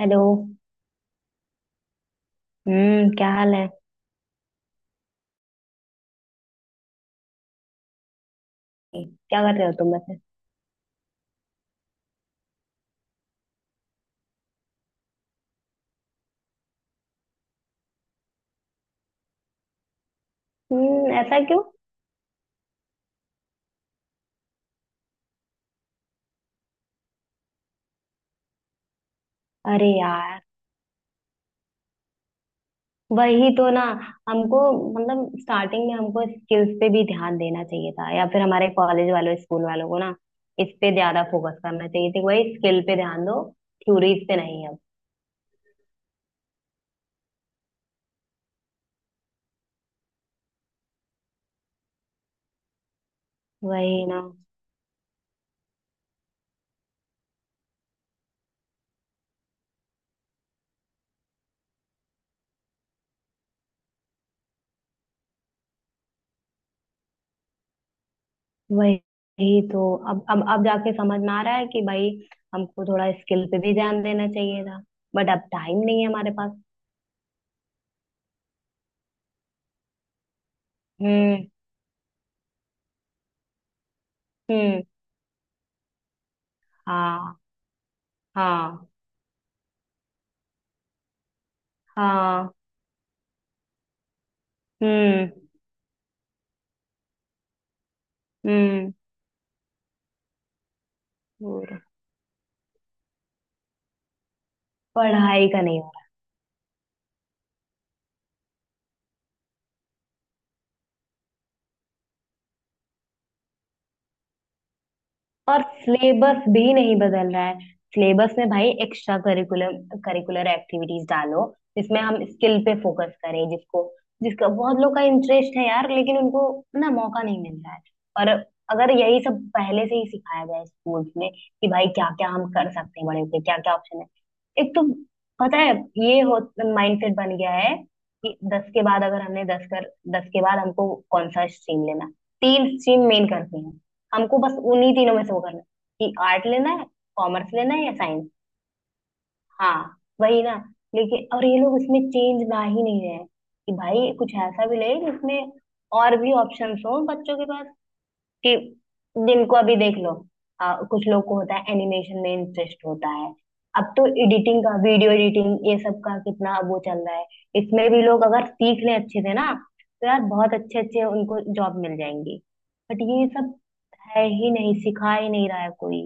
Hello. क्या हाल है? क्या कर रहे हो तुम वैसे? ऐसा क्यों? अरे यार, वही तो ना। हमको मतलब स्टार्टिंग में हमको स्किल्स पे भी ध्यान देना चाहिए था, या फिर हमारे कॉलेज वालों, स्कूल वालों को ना इस पे ज्यादा फोकस करना चाहिए था। वही स्किल पे ध्यान दो, थ्योरीज पे नहीं। अब वही ना, वही तो। अब जाके समझ में आ रहा है कि भाई हमको थोड़ा स्किल पे भी ध्यान देना चाहिए था। बट अब टाइम नहीं है हमारे पास। हम्म। हम्म। हाँ। हाँ। हाँ। हम्म। हम्म। और पढ़ाई का नहीं। और सिलेबस भी नहीं बदल रहा है। सिलेबस में भाई एक्स्ट्रा करिकुलर करिकुलर एक्टिविटीज डालो, जिसमें हम स्किल पे फोकस करें, जिसको जिसका बहुत लोग का इंटरेस्ट है यार, लेकिन उनको ना मौका नहीं मिल रहा है। और अगर यही सब पहले से ही सिखाया जाए स्कूल्स में, कि भाई क्या क्या हम कर सकते हैं बड़े होके, क्या क्या ऑप्शन है। एक तो पता है, ये हो माइंडसेट बन गया है कि दस के बाद अगर हमने दस कर दस के बाद हमको कौन सा स्ट्रीम लेना। तीन स्ट्रीम मेन करते हैं, हमको बस उन्हीं तीनों में से वो करना है। कि आर्ट लेना है, कॉमर्स लेना है या साइंस। हाँ। वही ना। लेकिन और ये लोग इसमें चेंज ला ही नहीं रहे हैं, कि भाई कुछ ऐसा भी ले जिसमें और भी ऑप्शंस हो बच्चों के पास। कि जिनको अभी देख लो, कुछ लोग को होता है, एनिमेशन में इंटरेस्ट होता है। अब तो एडिटिंग का, वीडियो एडिटिंग, ये सब का कितना अब वो चल रहा है। इसमें भी लोग अगर सीख लें अच्छे से ना, तो यार बहुत अच्छे अच्छे उनको जॉब मिल जाएंगी। बट ये सब है ही नहीं, सिखा ही नहीं रहा है कोई।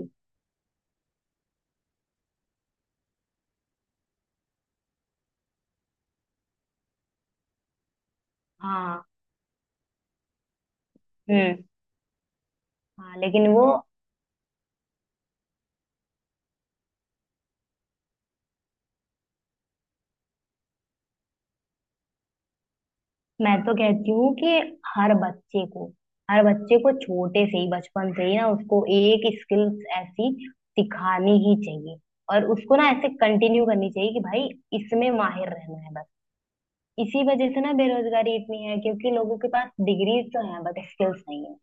हाँ। हम्म। हाँ लेकिन वो। मैं तो कहती हूँ कि हर बच्चे को, हर बच्चे को छोटे से ही, बचपन से ही ना उसको एक स्किल्स ऐसी सिखानी ही चाहिए। और उसको ना ऐसे कंटिन्यू करनी चाहिए कि भाई इसमें माहिर रहना है बस। इसी वजह से ना बेरोजगारी इतनी है, क्योंकि लोगों के पास डिग्री तो है बट स्किल्स नहीं है।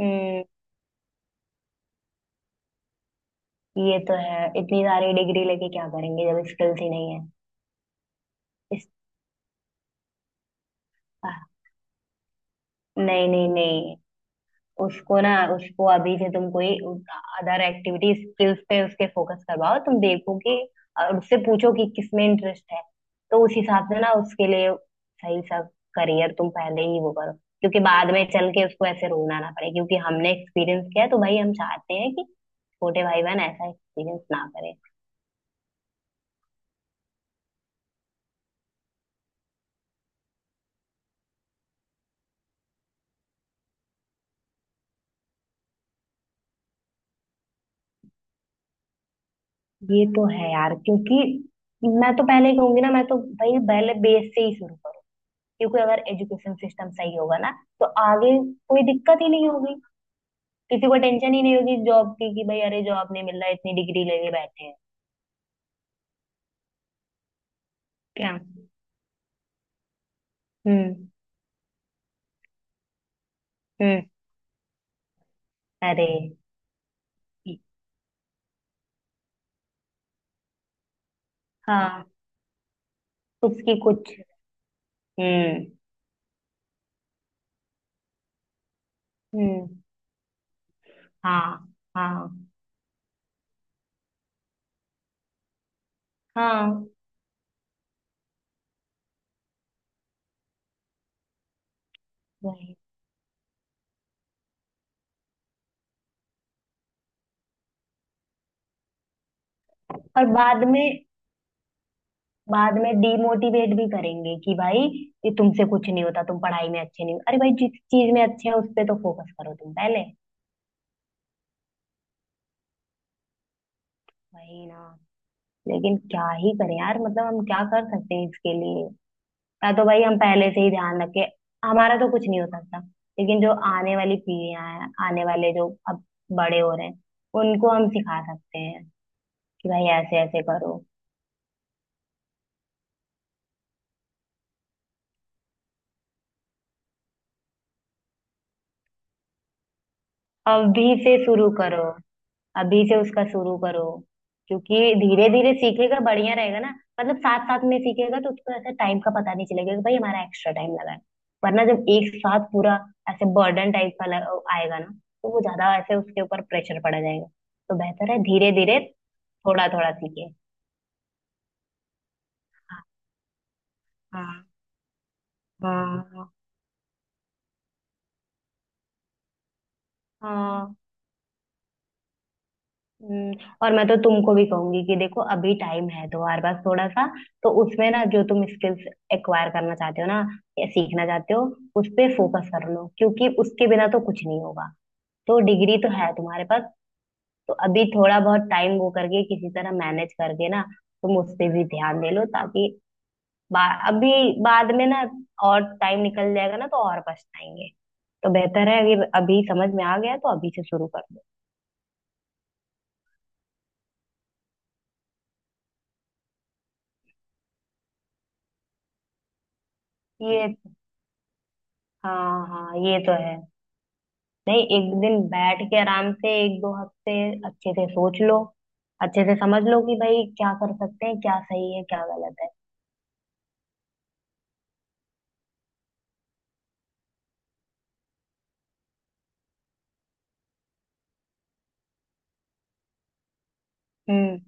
हम्म। ये तो है, इतनी सारी डिग्री लेके क्या करेंगे जब स्किल्स ही नहीं है? इस, आह, नहीं नहीं नहीं। उसको ना, उसको अभी से तुम कोई अदर एक्टिविटी स्किल्स पे उसके फोकस करवाओ, तुम देखो कि, और उससे पूछो कि किसमें इंटरेस्ट है, तो उस हिसाब से ना उसके लिए सही सा करियर तुम पहले ही वो करो। क्योंकि बाद में चल के उसको ऐसे रोना ना पड़े, क्योंकि हमने एक्सपीरियंस किया है, तो भाई हम चाहते हैं कि छोटे भाई बहन ऐसा एक्सपीरियंस ना करें। ये तो है यार, क्योंकि मैं तो पहले ही कहूंगी ना, मैं तो भाई पहले बेस से ही शुरू करो। क्योंकि अगर एजुकेशन सिस्टम सही होगा ना, तो आगे कोई दिक्कत ही नहीं होगी। किसी को टेंशन ही नहीं होगी जॉब की, कि भाई अरे जॉब नहीं मिल रहा, इतनी डिग्री लेके बैठे हैं। क्या? हम्म। हम्म। अरे। हाँ। उसकी कुछ। हम्म। हम्म। हाँ। हाँ। हाँ। वही। और बाद में, बाद में डीमोटिवेट भी करेंगे कि भाई ये तुमसे कुछ नहीं होता, तुम पढ़ाई में अच्छे नहीं हो। अरे भाई, जिस चीज में अच्छे हैं उस पे तो फोकस करो तुम पहले। वही ना। लेकिन क्या ही करें यार, मतलब हम क्या कर सकते हैं इसके लिए? ना तो भाई हम पहले से ही ध्यान रखे। हमारा तो कुछ नहीं हो सकता, लेकिन जो आने वाली पीढ़ियां हैं, आने वाले जो अब बड़े हो रहे हैं, उनको हम सिखा सकते हैं कि भाई ऐसे ऐसे करो। अभी से शुरू करो, अभी से उसका शुरू करो, क्योंकि धीरे धीरे सीखेगा बढ़िया रहेगा ना। मतलब साथ साथ में सीखेगा तो उसको ऐसा टाइम का पता नहीं चलेगा कि भाई हमारा एक्स्ट्रा टाइम लगा है। वरना जब एक साथ पूरा ऐसे बर्डन टाइप का आएगा ना, तो वो ज्यादा ऐसे उसके ऊपर प्रेशर पड़ जाएगा। तो बेहतर है धीरे धीरे थोड़ा थोड़ा सीखे। हाँ। हाँ। हाँ। हम्म। और मैं तो तुमको भी कहूंगी कि देखो अभी टाइम है तुम्हारे पास थोड़ा सा, तो उसमें ना जो तुम स्किल्स एक्वायर करना चाहते हो ना, या सीखना चाहते हो, उस पे फोकस कर लो, क्योंकि उसके बिना तो कुछ नहीं होगा। तो डिग्री तो है तुम्हारे पास, तो अभी थोड़ा बहुत टाइम वो करके किसी तरह मैनेज करके ना तुम उस पे भी ध्यान दे लो, ताकि बा, अभी बाद में ना और टाइम निकल जाएगा ना, तो और पछताएंगे। तो बेहतर है, अगर अभी समझ में आ गया तो अभी से शुरू कर दो। ये, हाँ हाँ, ये तो है। नहीं, एक दिन बैठ के आराम से एक दो हफ्ते अच्छे से सोच लो, अच्छे से समझ लो कि भाई क्या कर सकते हैं, क्या सही है क्या गलत है। हम्म।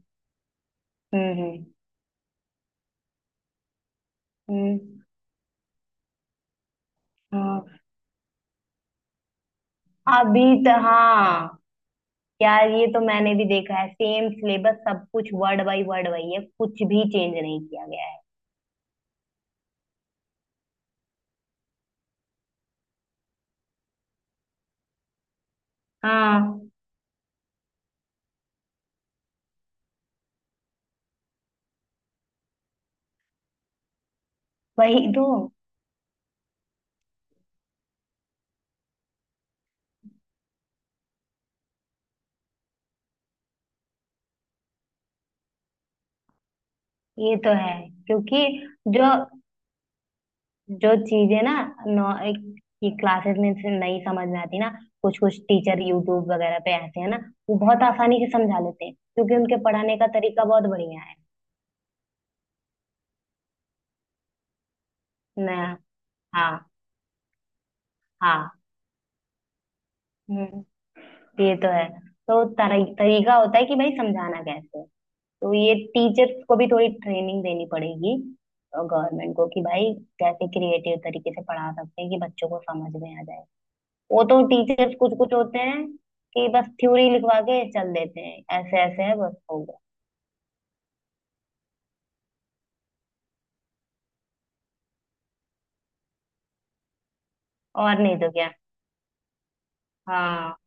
हम्म। हम्म। हम्म, हाँ अभी तो। हाँ यार, ये तो मैंने भी देखा है, सेम सिलेबस सब कुछ, वर्ड बाय वर्ड वही है, कुछ भी चेंज नहीं किया गया है। हाँ। वही तो। ये तो है। क्योंकि जो, जो चीजें ना, नौ ये क्लासेस में से नहीं समझ में आती ना, कुछ कुछ टीचर यूट्यूब वगैरह पे ऐसे हैं ना, वो बहुत आसानी से समझा लेते हैं, क्योंकि उनके पढ़ाने का तरीका बहुत बढ़िया है। ना। हाँ। हाँ। हम्म, ये तो है। तो तरीका होता है कि भाई समझाना कैसे है। तो ये टीचर्स को भी थोड़ी ट्रेनिंग देनी पड़ेगी, गवर्नमेंट को, कि भाई कैसे क्रिएटिव तरीके से पढ़ा सकते हैं कि बच्चों को समझ में आ जाए। वो तो टीचर्स कुछ कुछ होते हैं कि बस थ्योरी लिखवा के चल देते हैं, ऐसे ऐसे है बस हो गया। और नहीं तो क्या। हाँ।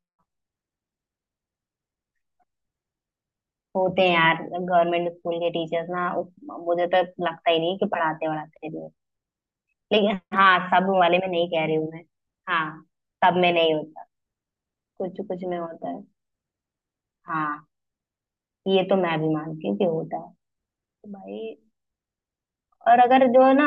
होते हैं यार गवर्नमेंट स्कूल के टीचर्स ना, मुझे तो लगता ही नहीं कि पढ़ाते वढ़ाते भी हैं। लेकिन हाँ, सब वाले में नहीं कह रही हूँ मैं। हाँ। सब में नहीं होता, कुछ कुछ में होता है। हाँ, ये तो मैं भी मानती हूँ कि होता है भाई। और अगर जो है ना,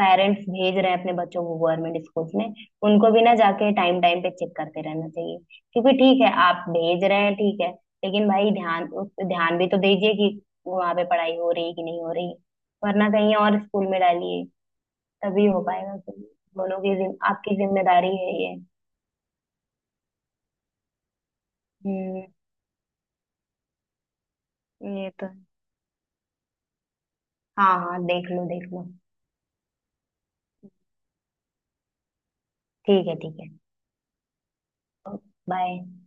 पेरेंट्स भेज रहे हैं अपने बच्चों को गवर्नमेंट स्कूल्स में, उनको भी ना जाके टाइम टाइम पे चेक करते रहना चाहिए। क्योंकि ठीक है आप भेज रहे हैं ठीक है, लेकिन भाई ध्यान, उस पे ध्यान भी तो दीजिए कि वहां पे पढ़ाई हो रही है कि नहीं हो रही। वरना कहीं और स्कूल में डालिए, तभी हो पाएगा कि दोनों की आपकी जिम्मेदारी है ये। हम्म। ये तो है। हाँ हाँ, देख लो देख लो। ठीक है ठीक है। बाय।